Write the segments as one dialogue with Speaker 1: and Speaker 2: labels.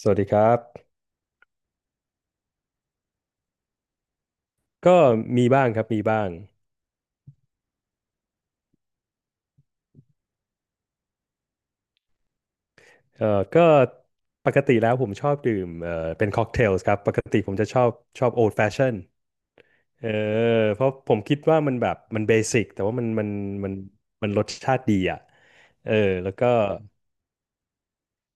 Speaker 1: สวัสดีครับก็มีบ้างครับมีบ้างเอ่อก็ปกติแล้วผมชอบดื่มเป็นค็อกเทลส์ครับปกติผมจะชอบโอ d แฟชั่นเออเพราะผมคิดว่ามันแบบมันเบสิกแต่ว่ามันมันรสชาติดีอ่ะเออแล้วก็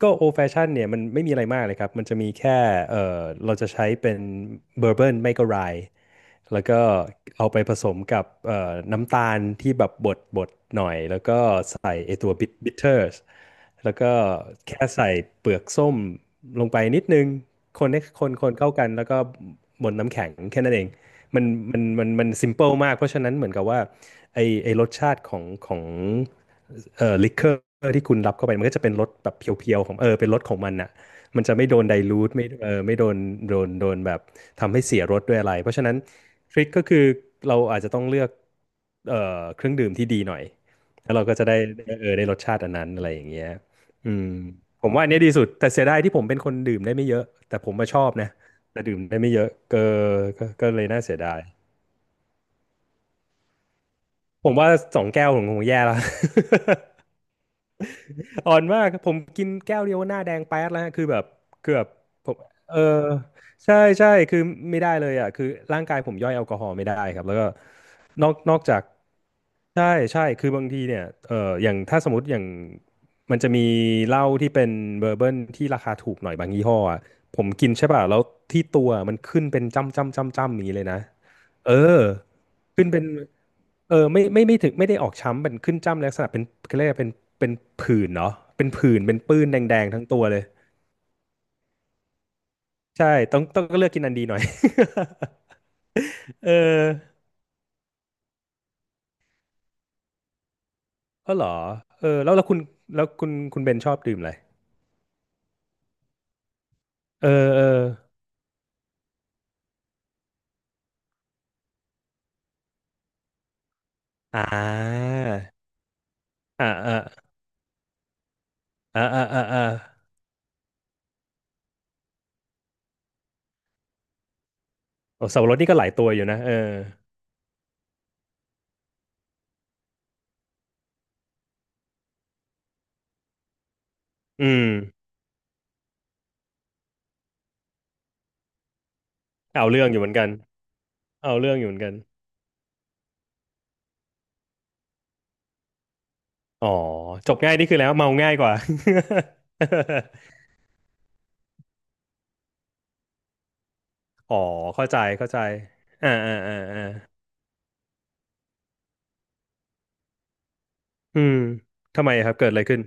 Speaker 1: ก็โอ d แฟชั่นเนี่ยมันไม่มีอะไรมากเลยครับมันจะมีแค่เออเราจะใช้เป็นเบอร์เบิร์นไม่ก็ไร แล้วก็เอาไปผสมกับน้ำตาลที่แบบบดหน่อยแล้วก็ใส่ไอตัวบิเทอร์สแล้วก็แค่ใส่เปลือกส้มลงไปนิดนึงคนให้คนเข้ากันแล้วก็บนน้ำแข็งแค่นั้นเองมันมันซิมเปิลมากเพราะฉะนั้นเหมือนกับว่าไอไอรสชาติของลิคเกอร์ที่คุณรับเข้าไปมันก็จะเป็นรสแบบเพียวๆของเออเป็นรสของมันนะ มันจะไม่โดนไดลูทไม่เออไม่โดนแบบทำให้เสียรสด้วยอะไรเพราะฉะนั้นทริคก็คือเราอาจจะต้องเลือกเอ่อเครื่องดื่มที่ดีหน่อยแล้วเราก็จะได้เออได้รสชาติอันนั้นอะไรอย่างเงี้ยอืมผมว่าอันเนี้ยดีสุดแต่เสียดายที่ผมเป็นคนดื่มได้ไม่เยอะแต่ผมมาชอบนะแต่ดื่มได้ไม่เยอะก็ก็เลยน่าเสียดายผมว่าสองแก้วผมคงแย่แล้ว อ่อนมากผมกินแก้วเดียวหน้าแดงแป๊ดแล้วฮะคือแบบคือแบบผมเออใช่ใช่คือไม่ได้เลยอ่ะคือร่างกายผมย่อยแอลกอฮอล์ไม่ได้ครับแล้วก็นอกจากใช่ใช่คือบางทีเนี่ยเอออย่างถ้าสมมติอย่างมันจะมีเหล้าที่เป็นเบอร์เบิลที่ราคาถูกหน่อยบางยี่ห้ออะผมกินใช่ป่ะแล้วที่ตัวมันขึ้นเป็นจ้ำจ้ำจ้ำจ้ำอย่างนี้เลยนะเออขึ้นเป็น เออไม่ถึงไม่ได้ออกช้ำเป็นขึ้นจ้ำลักษณะเป็นเขาเรียกว่าเป็นเป็นผื่นเนาะเป็นผื่นเป็นปื้นแดงๆทั้งตัวเลยใช่ต้องก็เลือกกินอันดีหน่อย เออก็เหรอเออแล้วคุณแล้วคุณเบนชอบดื่มอะไรเออเอออ่าอ่าอ่าอ่าโอ้สับปะรดนี่ก็หลายตัวอยู่นะเอออืมเอาเรื่องอยู่เหมือนกันเอาเรื่องอยู่เหมือนกันอ๋อจบง่ายนี่คือแล้วเมาง่ายกว่า อ๋อเข้าใจเข้าใจอ่า อืมทำไมครับเกิดอะไรขึ้น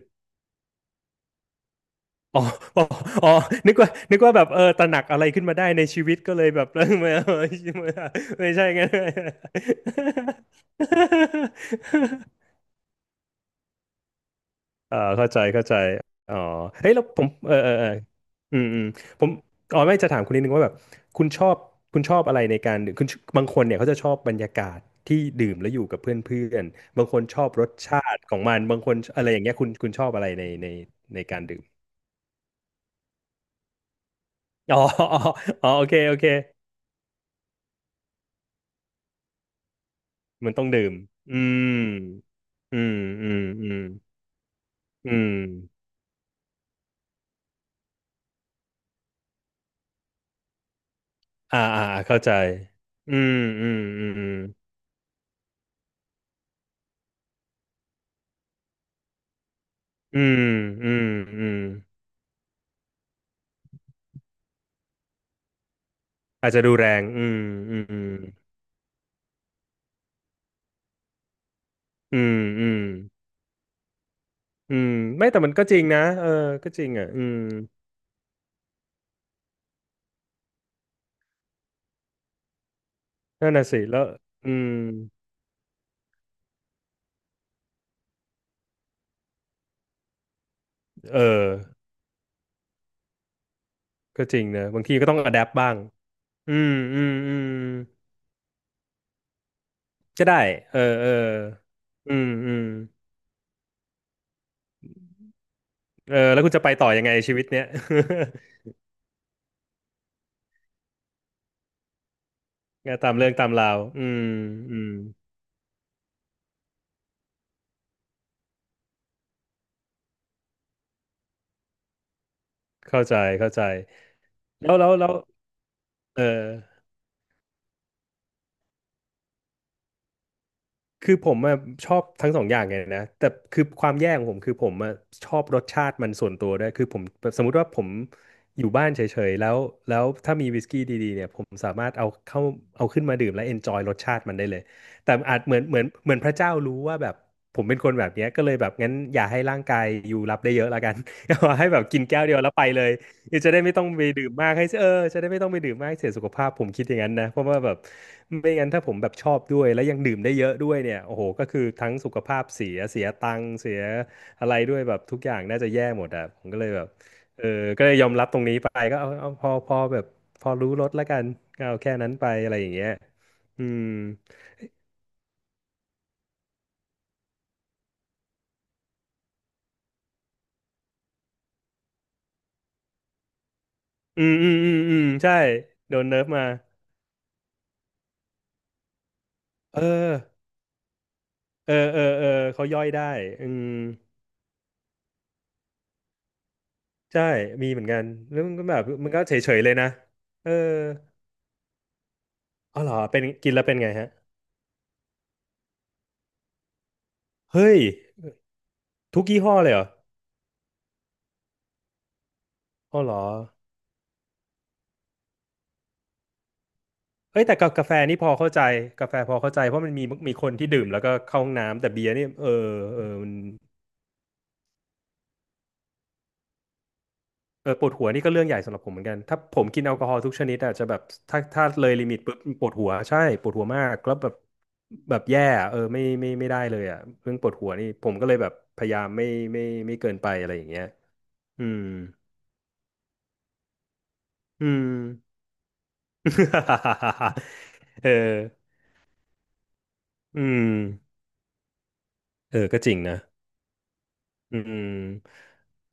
Speaker 1: อ๋ออ๋ออ๋อนึกว่าแบบเออตระหนักอะไรขึ้นมาได้ในชีวิตก็เลยแบบ เออไม่เออไม่ใช่ไงน เอ่าเข้าใจเข้าใจอ๋อเฮ้ยแล้วผมเอออืมอืมผมอ๋อไม่จะถามคุณนิดนึงว่าแบบคุณชอบคุณชอบอะไรในการดื่มคุณบางคนเนี่ยเขาจะชอบบรรยากาศที่ดื่มแล้วอยู่กับเพื่อนๆบางคนชอบรสชาติของมันบางคนอะไรอย่างเงี้ยคุณชอบอะไรในในการดื่ม อ๋อ อ๋ออ๋อ โอเคโอเคมันต้องดื่มอืมอืมอืมอืมอืมอ่าอ่าเข้าใจอืมอืมอืมอืมอืมอืมอาจจะดูแรงอืมอืมอืมไม่แต่มันก็จริงนะเออก็จริงอ่ะอืมนั่นน่ะสิแล้วอืมเออก็จริงนะ บางทีก็ต้องอะแดปบ้างอืมอืมก็ได้ เออเอออืม เออแล้วคุณจะไปต่อยังไงชีวิตเนี้ย งานตามเรื่องตามราวอืมอืมเข้าใจเข้าใจแล้วแล้วเออ คือผมอะชอบทั้งสองอย่างไงนะแต่คือความแย่ของผมคือผมอะชอบรสชาติมันส่วนตัวด้วยคือผมสมมุติว่าผมอยู่บ้านเฉยๆแล้วถ้ามีวิสกี้ดีๆเนี่ยผมสามารถเอาขึ้นมาดื่มและเอนจอยรสชาติมันได้เลยแต่อาจเหมือนพระเจ้ารู้ว่าแบบผมเป็นคนแบบเนี้ยก็เลยแบบงั้นอย่าให้ร่างกายอยู่รับได้เยอะละกัน เอาให้แบบกินแก้วเดียวแล้วไปเลย คือจะได้ไม่ต้องไปดื่มมากให้เสียเออจะได้ไม่ต้องไปดื่มมากให้เสียสุขภาพผมคิดอย่างนั้นนะเพราะว่าแบบไม่งั้นถ้าผมแบบชอบด้วยแล้วยังดื่มได้เยอะด้วยเนี่ยโอ้โหก็คือทั้งสุขภาพเสียเสียตังค์เสียอะไรด้วยแบบทุกอย่างน่าจะแย่หมดอ่ะผมก็เลยแบบเออก็เลยยอมรับตรงนี้ไปก็เอาเอาพอพอแบบพอรู้ลดแล้วกันก็เอาแค่นั้นไปอะไรอย่างเงี้ยอืมอืมอืมอืมอืมใช่โดนเนิร์ฟมาเออเออเออเออเขาย่อยได้อืม ใช่มีเหมือนกันแล้วมันก็แบบมันก็เฉยๆเลยนะเอออ๋อเหรอเป็นกินแล้วเป็นไงฮะ เฮ้ยทุกยี่ห้อเลยเหรออ๋อเหรอเอ้ยแต่กากาแฟนี่พอเข้าใจกาแฟพอเข้าใจเพราะมันมีมีคนที่ดื่มแล้วก็เข้าห้องน้ำ แต่เบียร์นี่เออเออมันปวดหัวนี่ก็เรื่องใหญ่สำหรับผมเหมือนกัน ถ้าผมกินแอลกอฮอล์ทุกชนิดอาจจะแบบถ้าเลยลิมิตปุ๊บปวดหัวใช่ปวดหัวมากแล้วแบบแบบแย่อะเออไม่ไม่ไม่ได้เลยอ่ะเรื่องปวดหัวนี่ผมก็เลยแบบพยายามไม่ไม่ไม่เกินไปอะไรอย่างเงี้ยอืม อืม เอออืมเออก็จริงนะอืม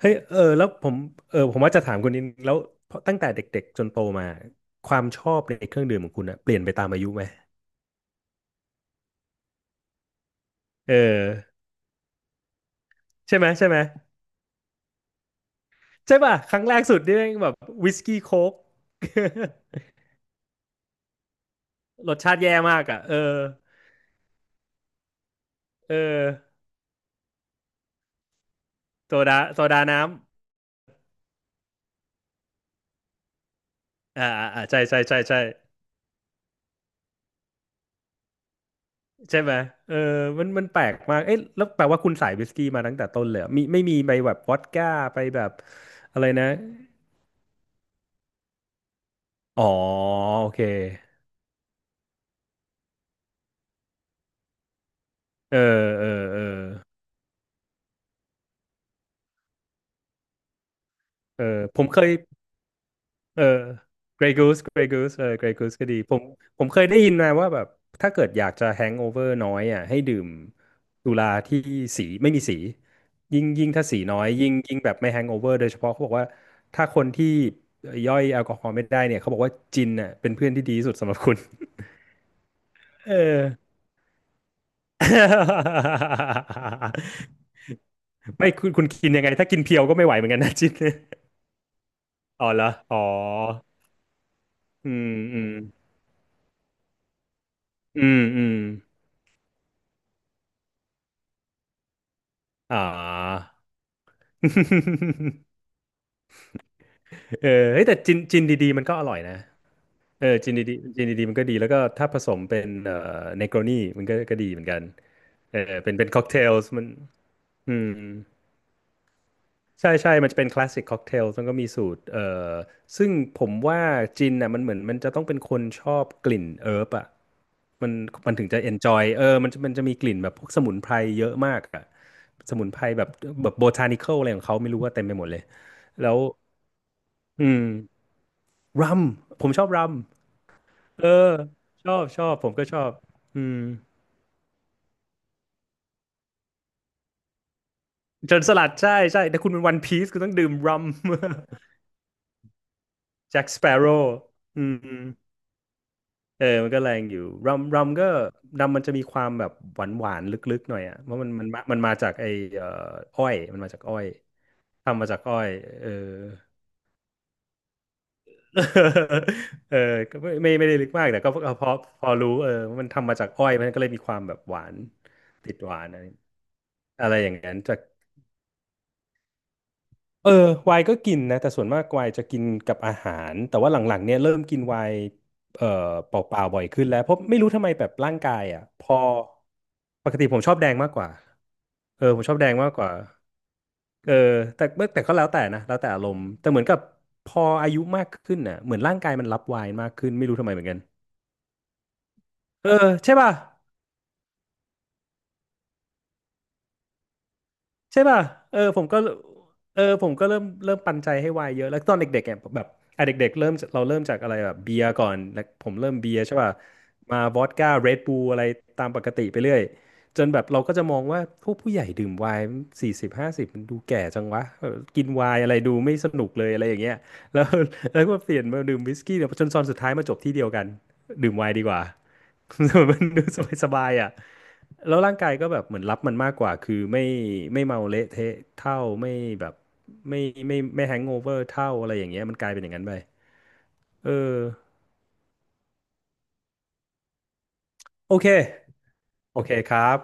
Speaker 1: เฮ้ยเออแล้วผมเออผมว่าจะถามคุณนิดแล้วเพราะตั้งแต่เด็กๆจนโตมา ความชอบในเครื่องดื่มของคุณอะเปลี่ยนไปตามอายุไหมเออใช่ไหม ใช่ไหมใช่ป่ะครั้งแรกสุดนี่แม่งแบบวิสกี้โค้ก รสชาติแย่มากอ่ะเออเออโซดาโซดาน้ำอ่าอ่าอ่าใช่ใช่ใช่ใช่ ใช่ไหมเออมันแปลกมากเอ๊ะแล้วแปลว่าคุณสายวิสกี้มาตั้งแต่ต้นเลยเหรอมีไม่มีไปแบบวอดก้าไปแบบอะไรนะ อ๋อ โอเค เออ เออ เออ เออผมเคย เออ Grey Goose Grey Goose เออ Grey Goose ก็ดีผมผมเคยได้ยินมาว่าแบบถ้าเกิดอยากจะแฮงโอเวอร์น้อยอ่ะให้ดื่มสุราที่สีไม่มีสียิ่งถ้าสีน้อยยิ่งแบบไม่แฮงโอเวอร์โดยเฉพาะเขาบอกว่าถ้าคนที่ย่อยแอลกอฮอล์ไม่ได้เนี่ยเขาบอกว่าจินอ่ะเป็นเพื่อนที่ดีที่สุดสำหรับคุณเออ ไม่คุณกินยังไงถ้ากินเพียวก็ไม่ไหวเหมือนกันนะจิน อ๋อเหรออ๋ออืมอืมอืมอืมอ่า เออเฮ้ยแต่จินดีๆมันก็อร่อยนะเออจินดีๆจินดีๆมันก็ดีแล้วก็ถ้าผสมเป็นเนโกรนีมันก็ดีเหมือนกันเออเป็นค็อกเทลมันอืมใช่ใช่มันจะเป็นคลาสสิกค็อกเทลมันก็มีสูตรซึ่งผมว่าจินน่ะมันเหมือนมันจะต้องเป็นคนชอบกลิ่นเอิร์บอ่ะมันมันถึงจะเอนจอยเออมันจะมีกลิ่นแบบพวกสมุนไพรเยอะมากอ่ะสมุนไพรแบบแบบโบทานิคอลอะไรของเขาไม่รู้ว่าเต็มไปหมดเลยแล้วอืมรัมผมชอบรัม เออชอบชอบผมก็ชอบอืมโจนสลัดใช่ใช่แต่คุณเป็นวันพีซคุณต้องดื่มรัม แจ็คสเปโร่ อืมเออมันก็แรงอยู่รัมก็รัมมันจะมีความแบบหวานหวานลึกๆหน่อยอ่ะเพราะมันมันมาจากไอ้เอ่ออ้อยมันมาจากอ้อยทำมาจากอ้อยเออ เออก็ไม่ไม่ไม่ได้ลึกมากแต่ก็พอพอพอรู้เออว่ามันทำมาจากอ้อยมันก็เลยมีความแบบหวานติดหวานอะไรอะไรอย่างนั้นจาก เออไวน์ก็กินนะแต่ส่วนมากไวน์จะกินกับอาหารแต่ว่าหลังๆเนี่ยเริ่มกินไวน์เอ่อเปล่าๆบ่อยขึ้นแล้วเพราะไม่รู้ทำไมแบบร่างกายอ่ะพอปกติผมชอบแดงมากกว่าเออผมชอบแดงมากกว่าเออแต่แต่ก็แล้วแต่นะแล้วแต่อารมณ์แต่เหมือนกับพออายุมากขึ้นน่ะเหมือนร่างกายมันรับไวน์มากขึ้นไม่รู้ทำไมเหมือนกันเออใช่ป่ะ ใช่ป่ะเออผมก็เออผมก็เริ่มปันใจให้วายเยอะ แล้วตอนเด็กๆอ่ะแบบอ่ะเด็กๆเริ่มเราเริ่มจากอะไรแบบเบียร์ก่อนแล้วผมเริ่มเบียร์ใช่ป่ะมาวอดก้าเรดบูลอะไรตามปกติไปเรื่อยจนแบบเราก็จะมองว่าพวกผู้ใหญ่ดื่มไวน์4050มันดูแก่จังวะเออกินไวน์อะไรดูไม่สนุกเลยอะไรอย่างเงี้ยแล้ว แล้วก็เปลี่ยนมาดื่มวิสกี้เนี่ยจนตอนสุดท้ายมาจบที่เดียวกันดื่มไวน์ดีกว่า มันดูสบายๆอ่ะ แล้วร่างกายก็แบบเหมือนรับมันมากกว่าคือไม่ไม่เมาเละเทะเท่าไม่แบบไม่ไม่ไม่แฮงโอเวอร์เท่าอะไรอย่างเงี้ยมันกลายเป็นอย่างนั้นไปเออโอเคโอเคครับ